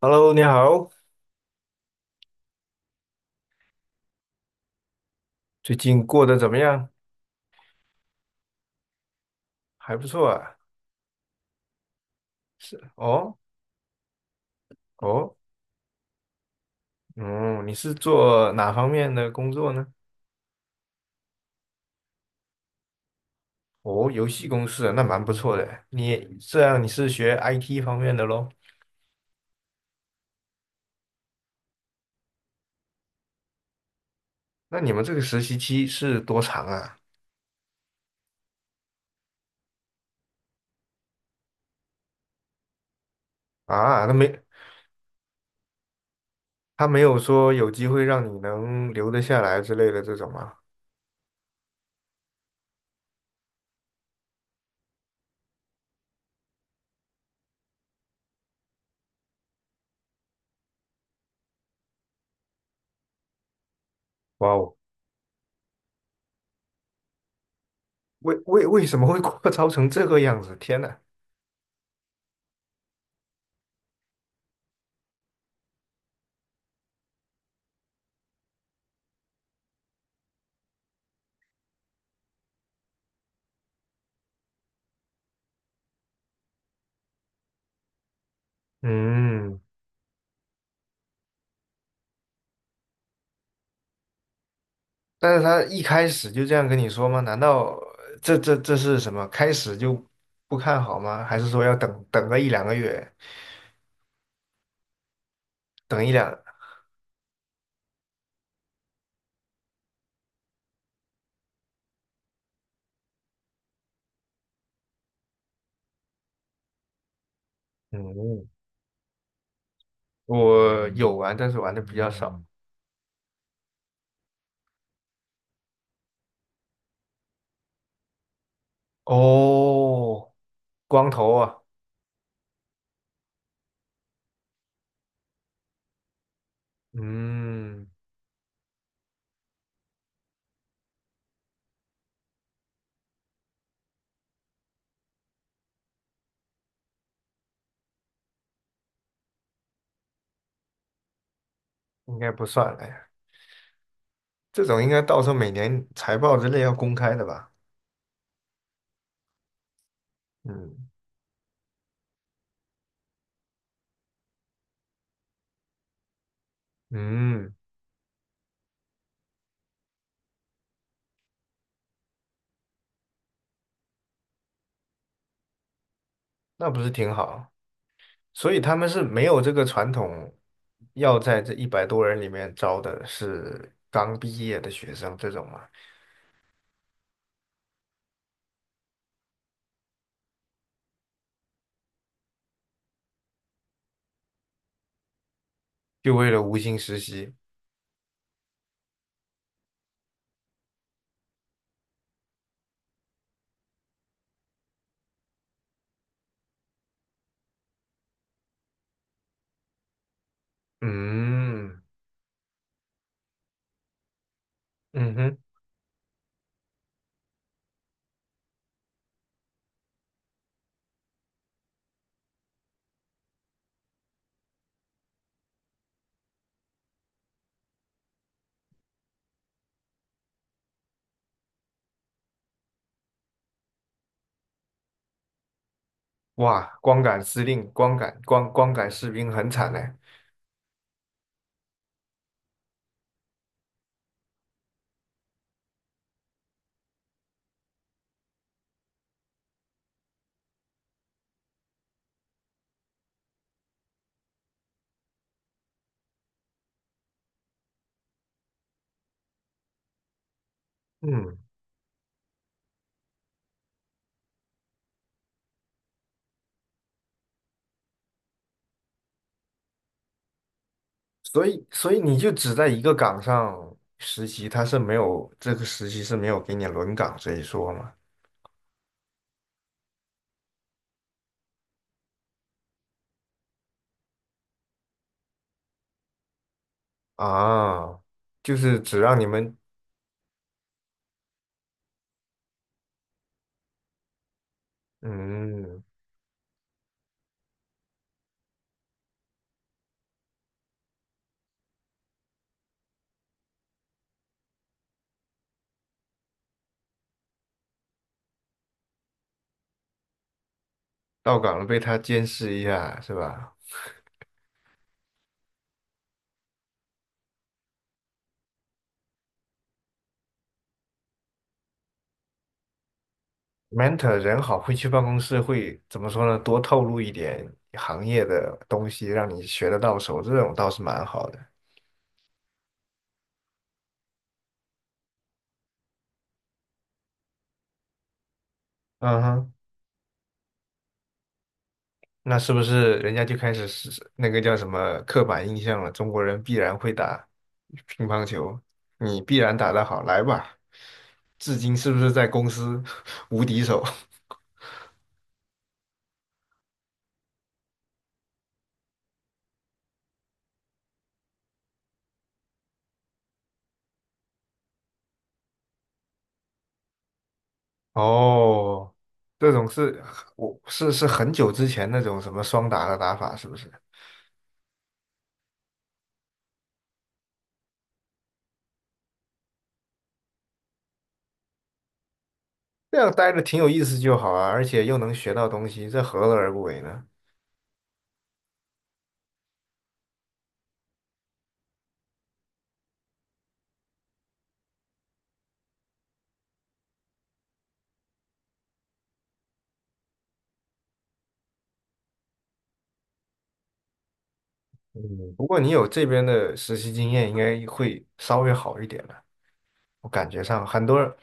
Hello，你好，最近过得怎么样？还不错啊。是哦哦，嗯，你是做哪方面的工作呢？哦，游戏公司啊，那蛮不错的。你这样你是学 IT 方面的咯？那你们这个实习期是多长啊？啊，那没，他没有说有机会让你能留得下来之类的这种吗？哇哦，为什么会 扩招成这个样子？天呐！嗯，但是他一开始就这样跟你说吗？难道这是什么？开始就不看好吗？还是说要等个一两个月？等一两……嗯，我有玩，但是玩的比较少。哦，光头啊，嗯，应该不算了呀。这种应该到时候每年财报之类要公开的吧？嗯嗯，那不是挺好。所以他们是没有这个传统，要在这100多人里面招的是刚毕业的学生这种嘛，就为了无薪实习。嗯嗯哼，哇，光杆司令、光杆士兵很惨嘞。嗯，所以你就只在一个岗上实习，他是没有这个实习是没有给你轮岗这一说嘛？啊，就是只让你们，嗯，到岗了被他监视一下是吧？mentor 人好，会去办公室，会怎么说呢？多透露一点行业的东西，让你学得到手，这种倒是蛮好的。嗯哼，那是不是人家就开始是那个叫什么刻板印象了？中国人必然会打乒乓球，你必然打得好，来吧。至今是不是在公司 无敌手？哦，这种是我是是很久之前那种什么双打的打法，是不是？这样待着挺有意思就好啊，而且又能学到东西，这何乐而不为呢？嗯，不过你有这边的实习经验，应该会稍微好一点了。我感觉上很多，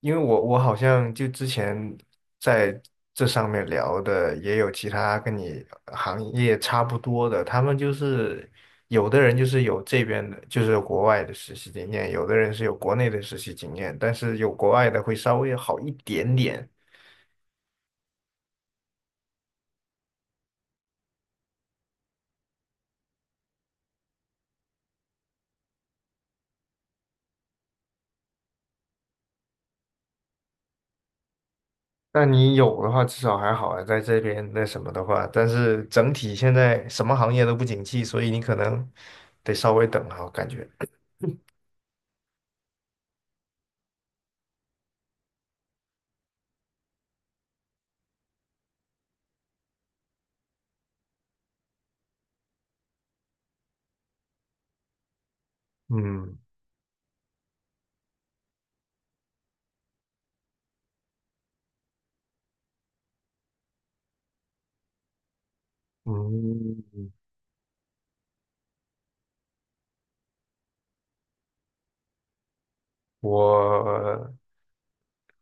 因为我好像就之前在这上面聊的，也有其他跟你行业差不多的，他们就是有的人就是有这边的，就是国外的实习经验，有的人是有国内的实习经验，但是有国外的会稍微好一点点。那你有的话至少还好啊，在这边那什么的话，但是整体现在什么行业都不景气，所以你可能得稍微等啊，我感觉。嗯嗯，我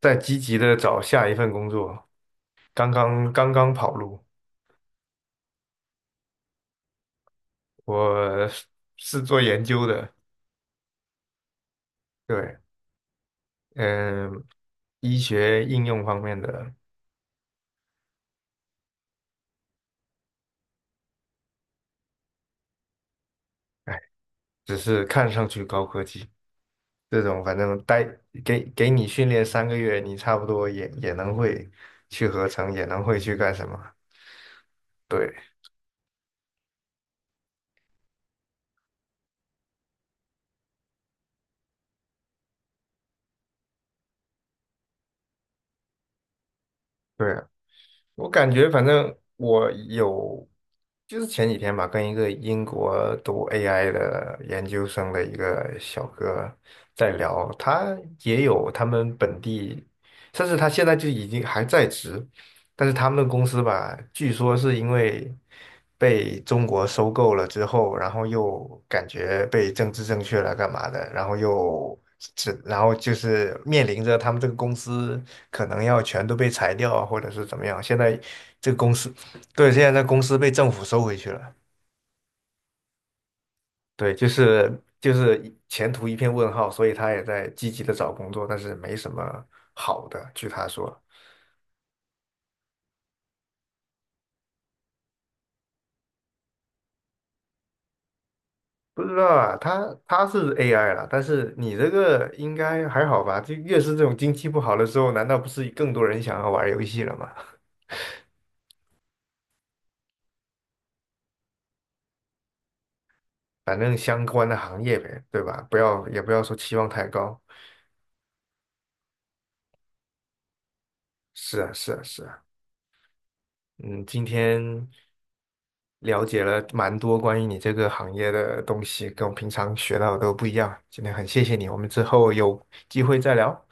在积极的找下一份工作，刚刚跑路，我是做研究的，对，嗯，医学应用方面的，哎，只是看上去高科技。这种反正给你训练3个月，你差不多也能会去合成，也能会去干什么。对对，我感觉反正我有，就是前几天吧，跟一个英国读 AI 的研究生的一个小哥在聊，他也有他们本地，甚至他现在就已经还在职，但是他们的公司吧，据说是因为被中国收购了之后，然后又感觉被政治正确了干嘛的，然后又然后就是面临着他们这个公司。可能要全都被裁掉啊，或者是怎么样。现在这个公司，对，现在这公司被政府收回去了，对，就是前途一片问号，所以他也在积极的找工作，但是没什么好的，据他说。不知道啊，他是 AI 了，但是你这个应该还好吧？就越是这种经济不好的时候，难道不是更多人想要玩游戏了吗？反正相关的行业呗，对吧？不要也不要说期望太高。是啊，是啊，是啊。嗯，今天了解了蛮多关于你这个行业的东西，跟我平常学到的都不一样。今天很谢谢你，我们之后有机会再聊。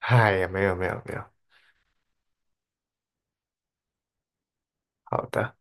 哎呀，没有没有没有，好的。